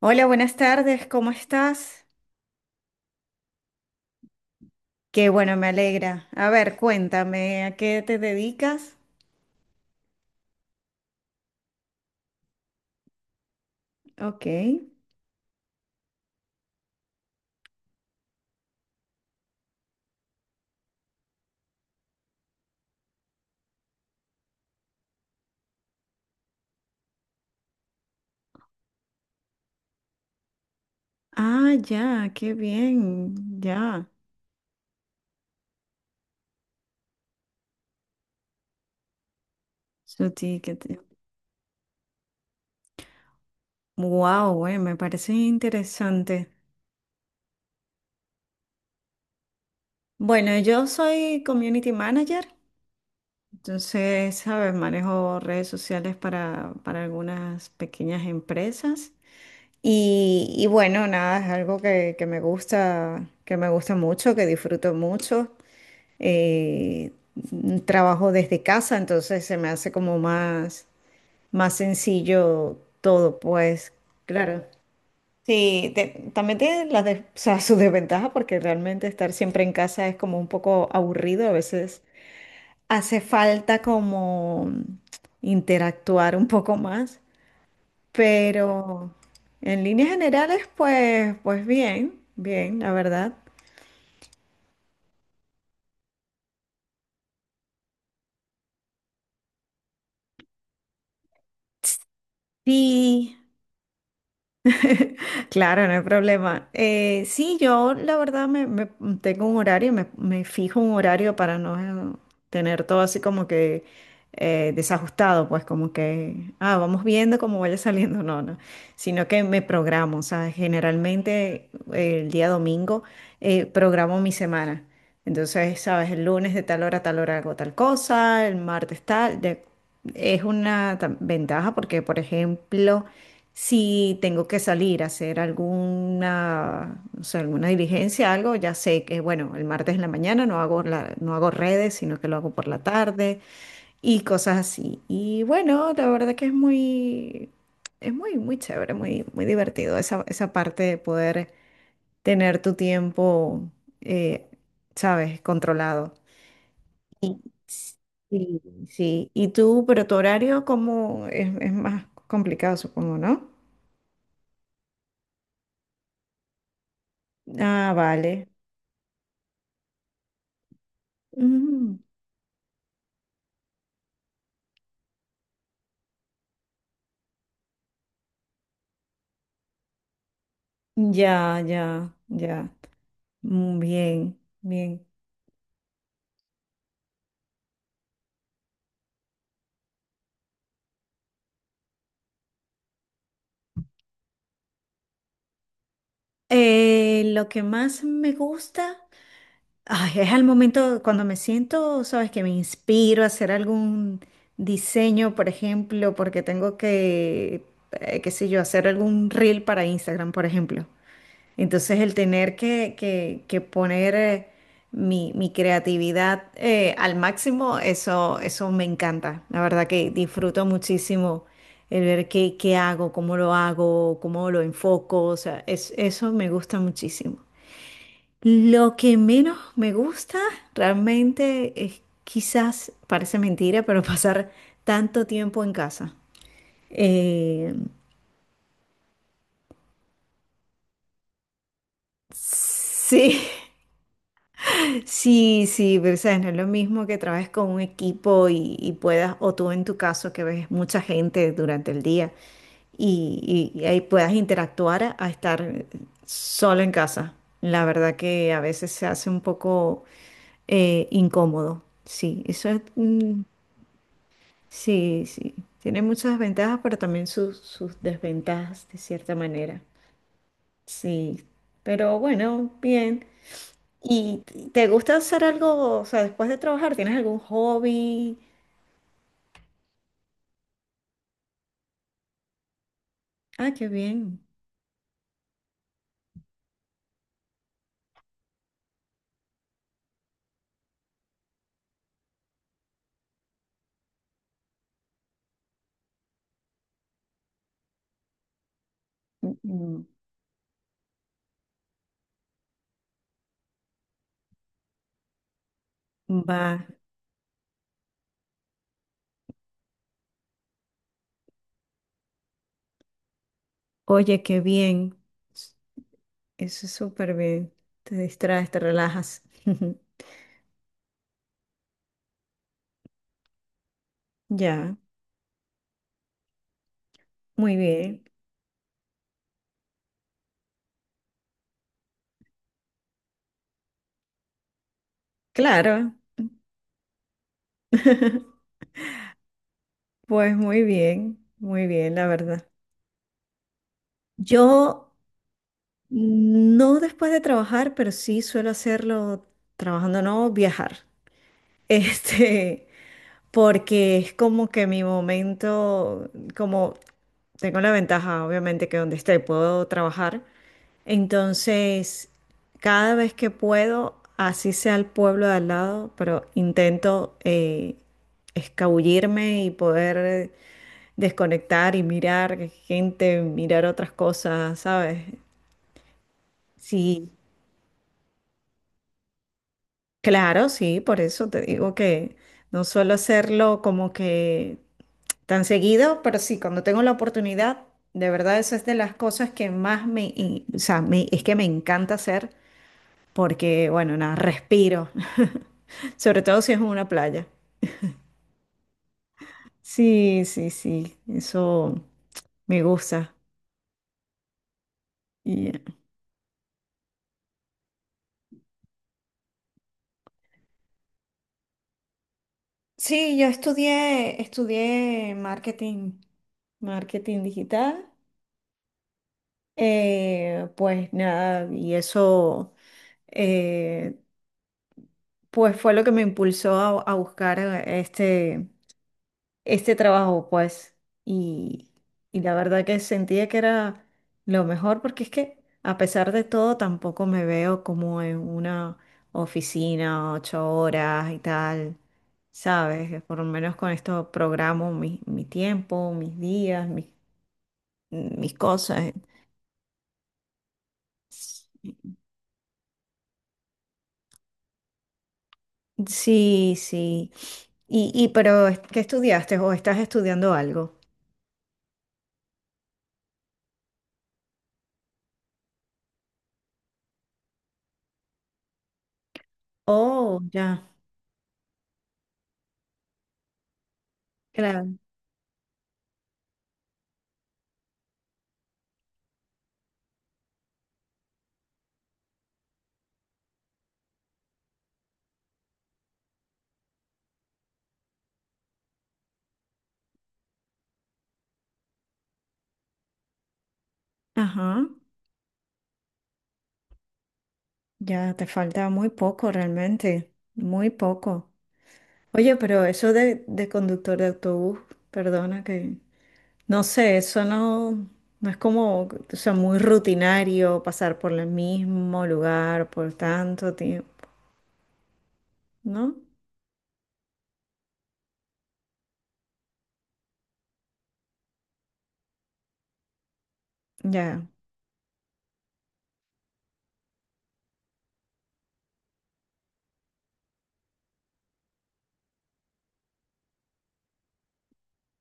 Hola, buenas tardes, ¿cómo estás? Qué bueno, me alegra. A ver, cuéntame, ¿a qué te dedicas? Ok. Ah, ya, qué bien, ya. Su ticket. Wow, bueno, me parece interesante. Bueno, yo soy community manager, entonces, ¿sabes? Manejo redes sociales para algunas pequeñas empresas. Y bueno, nada, es algo que me gusta, que me gusta mucho, que disfruto mucho. eh, Trabajo desde casa, entonces se me hace como más, más sencillo todo, pues claro. Sí, también tiene o sea, sus desventajas porque realmente estar siempre en casa es como un poco aburrido, a veces hace falta como interactuar un poco más, pero en líneas generales, pues, pues bien, bien, la verdad. Sí. Claro, no hay problema. Sí, yo la verdad tengo un horario, me fijo un horario para no tener todo así como que desajustado, pues como que, ah, vamos viendo cómo vaya saliendo, no, sino que me programo, o sea, generalmente el día domingo programo mi semana. Entonces, sabes, el lunes de tal hora a tal hora hago tal cosa, el martes tal, es una ventaja porque, por ejemplo, si tengo que salir a hacer alguna, o sea, alguna diligencia, algo, ya sé que, bueno, el martes en la mañana no hago redes, sino que lo hago por la tarde y cosas así. Y bueno, la verdad que es muy, muy chévere, muy, muy divertido esa, esa parte de poder tener tu tiempo, eh, sabes, controlado. Y sí, sí. ¿Y tú, pero tu horario como es más complicado, supongo, no? Ah, vale. Mm, ya, ya, ya. Mm, bien, bien. Lo que más me gusta, ay, es al momento cuando me siento, sabes, que me inspiro a hacer algún diseño, por ejemplo, porque tengo que, qué sé yo, hacer algún reel para Instagram, por ejemplo. Entonces el tener que poner mi, mi creatividad al máximo, eso me encanta. La verdad que disfruto muchísimo el ver qué, qué hago, cómo lo enfoco. O sea, eso me gusta muchísimo. Lo que menos me gusta realmente es quizás, parece mentira, pero pasar tanto tiempo en casa. Eh, sí, sí, sí, pero sabes, no es lo mismo que trabajes con un equipo y puedas, o tú en tu caso que ves mucha gente durante el día y ahí puedas interactuar a estar solo en casa. La verdad que a veces se hace un poco incómodo. Sí, eso es, mm, sí, sí, tiene muchas ventajas, pero también sus, sus desventajas de cierta manera. Sí, pero bueno, bien. ¿Y te gusta hacer algo, o sea, después de trabajar, tienes algún hobby? Ah, qué bien. Mm, mm, va, oye, qué bien. S- Eso es súper bien. Te distraes, te relajas. Ya, muy bien. Claro. Pues muy bien, la verdad. Yo no después de trabajar, pero sí suelo hacerlo trabajando, no viajar. Este, porque es como que mi momento, como tengo la ventaja, obviamente, que donde esté puedo trabajar. Entonces, cada vez que puedo, así sea el pueblo de al lado, pero intento escabullirme y poder desconectar y mirar gente, mirar otras cosas, ¿sabes? Sí, claro, sí, por eso te digo que no suelo hacerlo como que tan seguido, pero sí, cuando tengo la oportunidad, de verdad eso es de las cosas que más o sea, es que me encanta hacer porque, bueno, nada, respiro, sobre todo si es en una playa. Sí, sí, sí, eso me gusta. Y, Sí, yo estudié, estudié marketing, marketing digital. Pues nada, y eso eh, pues fue lo que me impulsó a buscar este, este trabajo, pues. Y, y la verdad que sentía que era lo mejor porque es que a pesar de todo tampoco me veo como en una oficina 8 horas y tal, ¿sabes? Por lo menos con esto programo mi, mi tiempo, mis días, mis, mis cosas. Sí, sí. Y pero ¿qué estudiaste o estás estudiando algo? Oh, ya, claro. Ajá. Ya te falta muy poco realmente, muy poco. Oye, pero eso de conductor de autobús, perdona que, no sé, eso no, no es como, o sea, muy rutinario pasar por el mismo lugar por tanto tiempo, ¿no? Ya.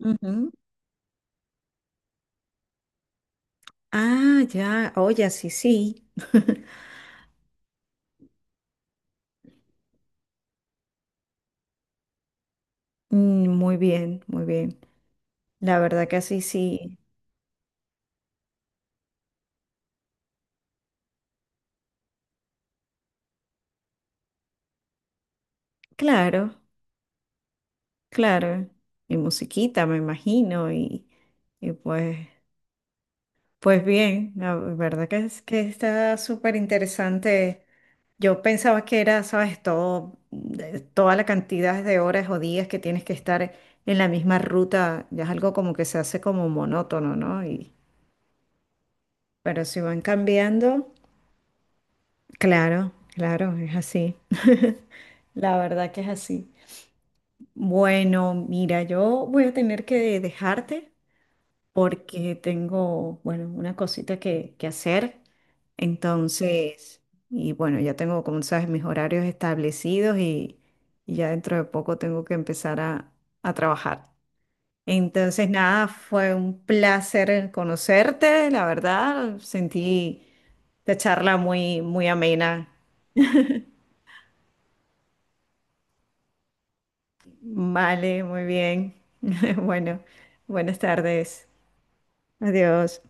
Ujú. Ah, ya, oye, sí, sí. Mm, muy bien, muy bien. La verdad que así sí. Claro, claro. Y musiquita, me imagino, y pues pues bien, la verdad que, es, que está súper interesante. Yo pensaba que era, sabes, todo, toda la cantidad de horas o días que tienes que estar en la misma ruta, ya es algo como que se hace como monótono, ¿no? Y, pero si van cambiando, claro, claro, es así. La verdad que es así. Bueno, mira, yo voy a tener que dejarte porque tengo, bueno, una cosita que hacer. Entonces, y bueno, ya tengo, como sabes, mis horarios establecidos y ya dentro de poco tengo que empezar a trabajar. Entonces, nada, fue un placer conocerte, la verdad. Sentí la charla muy, muy amena. Vale, muy bien. Bueno, buenas tardes. Adiós.